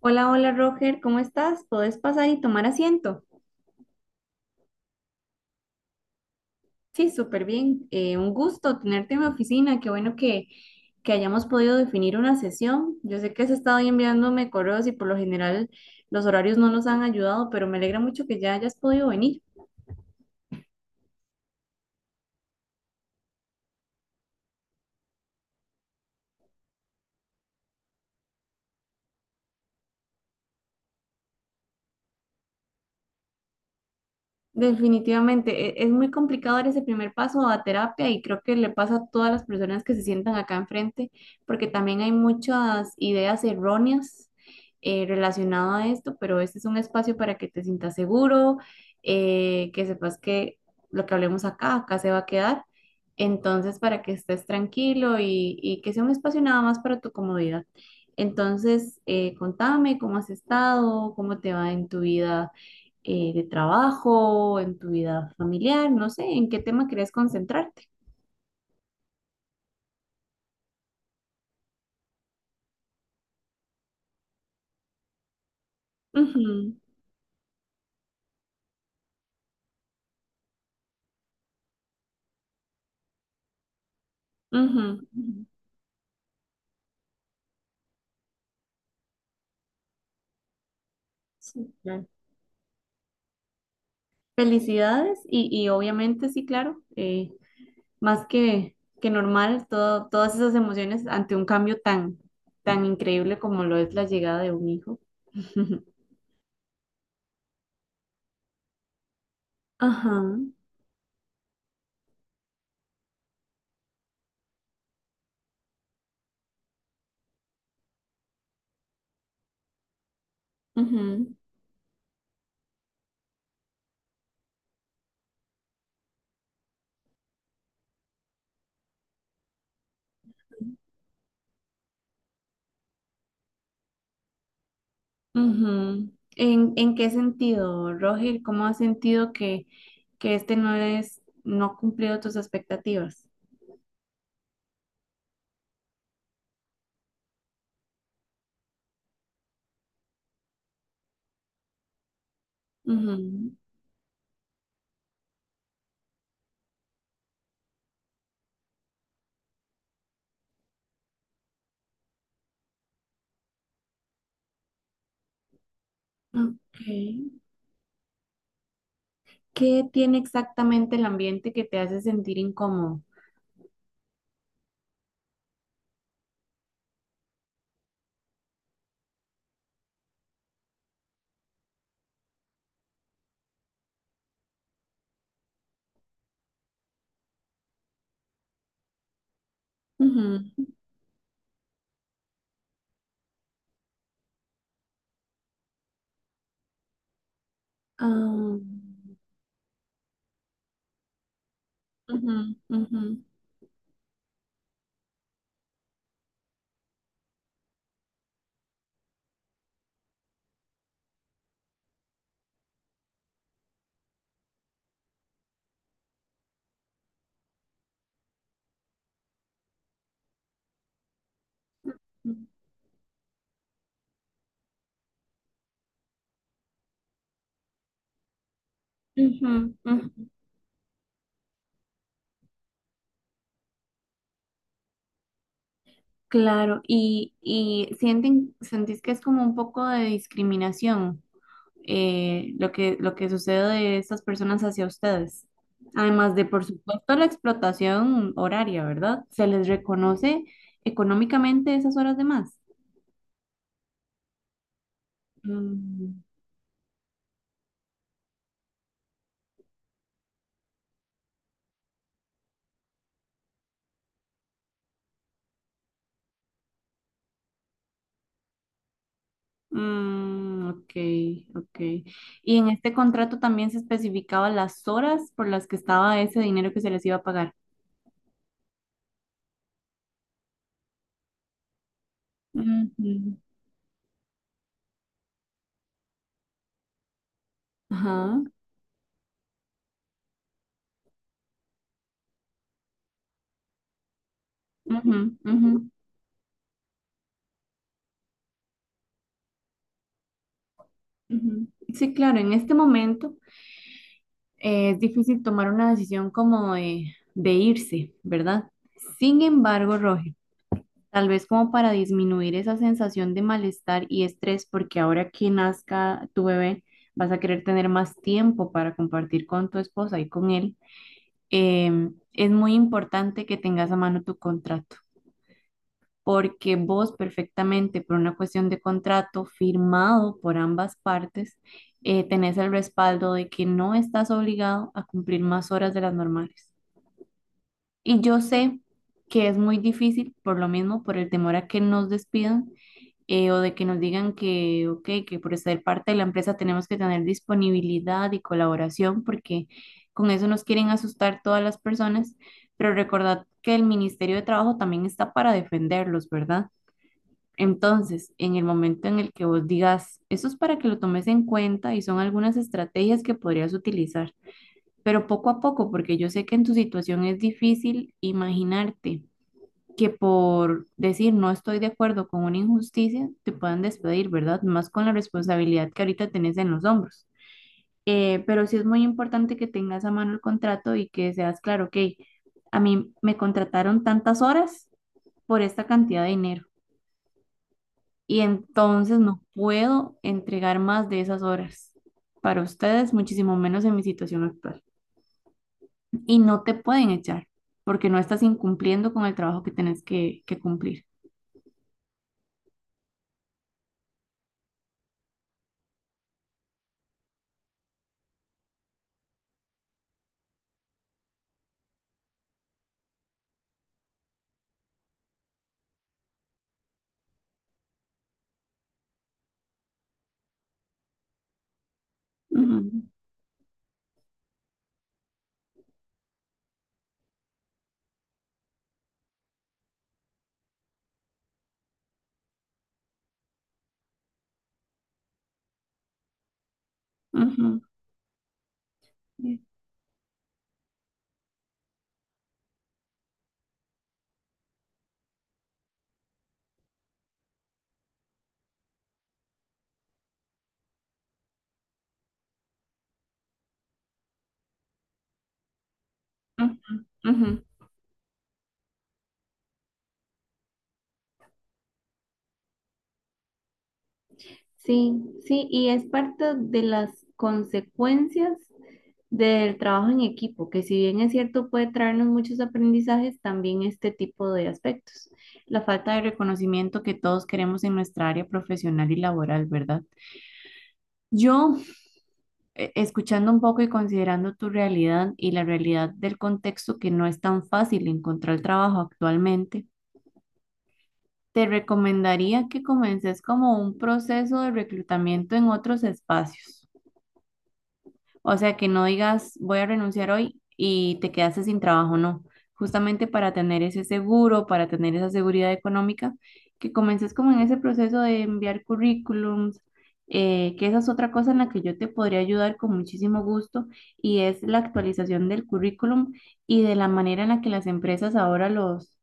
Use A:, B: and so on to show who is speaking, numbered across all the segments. A: Hola, hola Roger, ¿cómo estás? ¿Podés pasar y tomar asiento? Sí, súper bien. Un gusto tenerte en mi oficina. Qué bueno que hayamos podido definir una sesión. Yo sé que has estado ahí enviándome correos y por lo general los horarios no nos han ayudado, pero me alegra mucho que ya hayas podido venir. Definitivamente, es muy complicado dar ese primer paso a terapia y creo que le pasa a todas las personas que se sientan acá enfrente, porque también hay muchas ideas erróneas relacionadas a esto, pero este es un espacio para que te sientas seguro, que sepas que lo que hablemos acá, acá se va a quedar, entonces para que estés tranquilo y que sea un espacio nada más para tu comodidad. Entonces, contame cómo has estado, cómo te va en tu vida de trabajo, en tu vida familiar, no sé, en qué tema querés concentrarte. Ujú, ujú, ujú. Sí, claro. Felicidades y obviamente sí, claro, más que normal, todo, todas esas emociones ante un cambio tan, tan increíble como lo es la llegada de un hijo. Ajá, ujú, ujú. En qué sentido, Roger? ¿Cómo has sentido que este no es, no ha cumplido tus expectativas? Ujú, ok. ¿Qué tiene exactamente el ambiente que te hace sentir incómodo? Ujú, ah, ujú, ujú, ujú, ujú. Claro, y sienten, sentís que es como un poco de discriminación lo que sucede de estas personas hacia ustedes. Además de, por supuesto, la explotación horaria, ¿verdad? ¿Se les reconoce económicamente esas horas de más? Mm, mm, ok, ok. Y en este contrato también se especificaba las horas por las que estaba ese dinero que se les iba a pagar. Ujú. Ajá. Ujú, ujú, ujú. Sí, claro, en este momento es difícil tomar una decisión como de irse, ¿verdad? Sin embargo, Roger, tal vez como para disminuir esa sensación de malestar y estrés, porque ahora que nazca tu bebé, vas a querer tener más tiempo para compartir con tu esposa y con él, es muy importante que tengas a mano tu contrato, porque vos perfectamente por una cuestión de contrato firmado por ambas partes, tenés el respaldo de que no estás obligado a cumplir más horas de las normales. Y yo sé que es muy difícil, por lo mismo, por el temor a que nos despidan, o de que nos digan que, ok, que por ser parte de la empresa tenemos que tener disponibilidad y colaboración, porque con eso nos quieren asustar todas las personas, pero recordad que el Ministerio de Trabajo también está para defenderlos, ¿verdad? Entonces, en el momento en el que vos digas, eso es para que lo tomes en cuenta y son algunas estrategias que podrías utilizar, pero poco a poco, porque yo sé que en tu situación es difícil imaginarte que por decir no estoy de acuerdo con una injusticia, te puedan despedir, ¿verdad? Más con la responsabilidad que ahorita tenés en los hombros. Pero sí es muy importante que tengas a mano el contrato y que seas claro, ok, a mí me contrataron tantas horas por esta cantidad de dinero y entonces no puedo entregar más de esas horas para ustedes, muchísimo menos en mi situación actual. Y no te pueden echar porque no estás incumpliendo con el trabajo que tenés que cumplir. Ujú, ujú. Ujú, ujú. Sí, sí, y es parte de las consecuencias del trabajo en equipo, que si bien es cierto puede traernos muchos aprendizajes, también este tipo de aspectos, la falta de reconocimiento que todos queremos en nuestra área profesional y laboral, ¿verdad? Yo, escuchando un poco y considerando tu realidad y la realidad del contexto que no es tan fácil encontrar trabajo actualmente, te recomendaría que comences como un proceso de reclutamiento en otros espacios. O sea, que no digas voy a renunciar hoy y te quedaste sin trabajo, no. Justamente para tener ese seguro, para tener esa seguridad económica, que comences como en ese proceso de enviar currículums, que esa es otra cosa en la que yo te podría ayudar con muchísimo gusto y es la actualización del currículum y de la manera en la que las empresas ahora los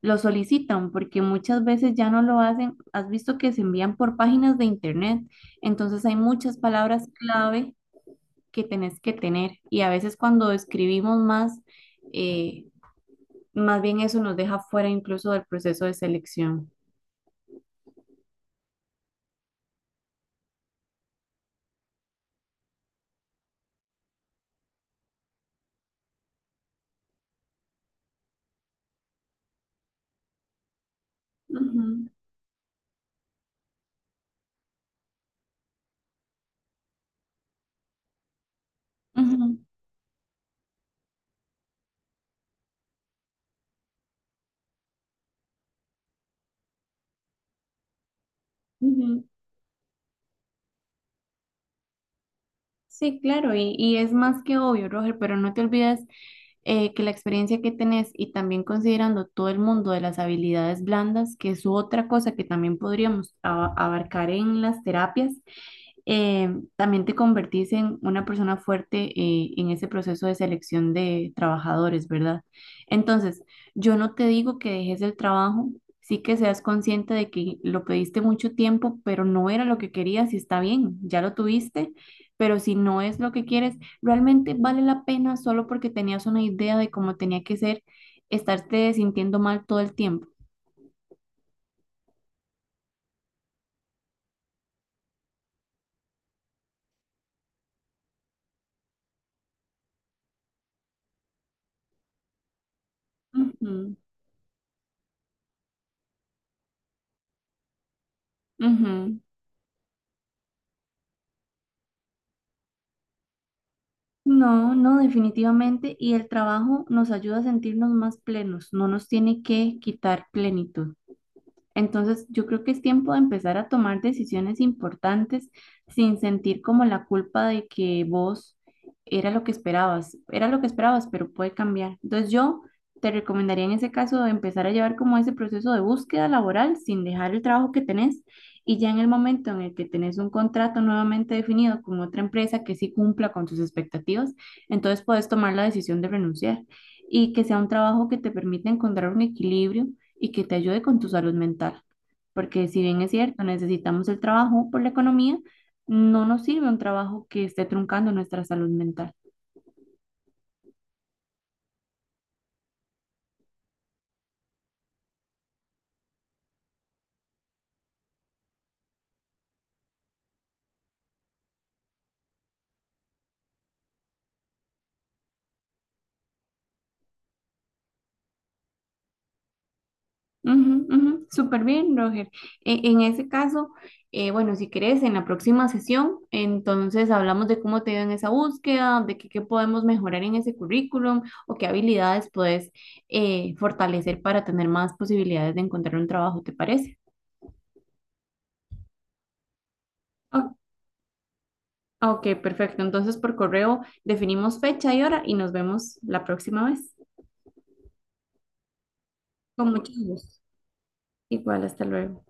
A: lo solicitan porque muchas veces ya no lo hacen. Has visto que se envían por páginas de internet, entonces hay muchas palabras clave que tenés que tener y a veces cuando escribimos más, eh, más bien eso nos deja fuera incluso del proceso de selección. Ujú, ujú, ujú. Sí, claro, y es más que obvio, Roger, pero no te olvides que la experiencia que tenés y también considerando todo el mundo de las habilidades blandas, que es otra cosa que también podríamos abarcar en las terapias, también te convertís en una persona fuerte en ese proceso de selección de trabajadores, ¿verdad? Entonces, yo no te digo que dejes el trabajo, sí que seas consciente de que lo pediste mucho tiempo, pero no era lo que querías y está bien, ya lo tuviste, pero si no es lo que quieres, realmente vale la pena solo porque tenías una idea de cómo tenía que ser, estarte sintiendo mal todo el tiempo. Ujú, ujú. No, no, definitivamente. Y el trabajo nos ayuda a sentirnos más plenos, no nos tiene que quitar plenitud. Entonces, yo creo que es tiempo de empezar a tomar decisiones importantes sin sentir como la culpa de que vos era lo que esperabas, era lo que esperabas, pero puede cambiar. Entonces, yo te recomendaría en ese caso empezar a llevar como ese proceso de búsqueda laboral sin dejar el trabajo que tenés y ya en el momento en el que tenés un contrato nuevamente definido con otra empresa que sí cumpla con tus expectativas, entonces puedes tomar la decisión de renunciar y que sea un trabajo que te permita encontrar un equilibrio y que te ayude con tu salud mental. Porque si bien es cierto, necesitamos el trabajo por la economía, no nos sirve un trabajo que esté truncando nuestra salud mental. Ujú, ujú, súper bien, Roger. En ese caso, bueno, si querés, en la próxima sesión, entonces hablamos de cómo te ha ido en esa búsqueda, de qué, qué podemos mejorar en ese currículum o qué habilidades puedes fortalecer para tener más posibilidades de encontrar un trabajo, ¿te parece? O- ok, perfecto. Entonces, por correo definimos fecha y hora y nos vemos la próxima vez. Con mucho gusto. Igual, hasta luego.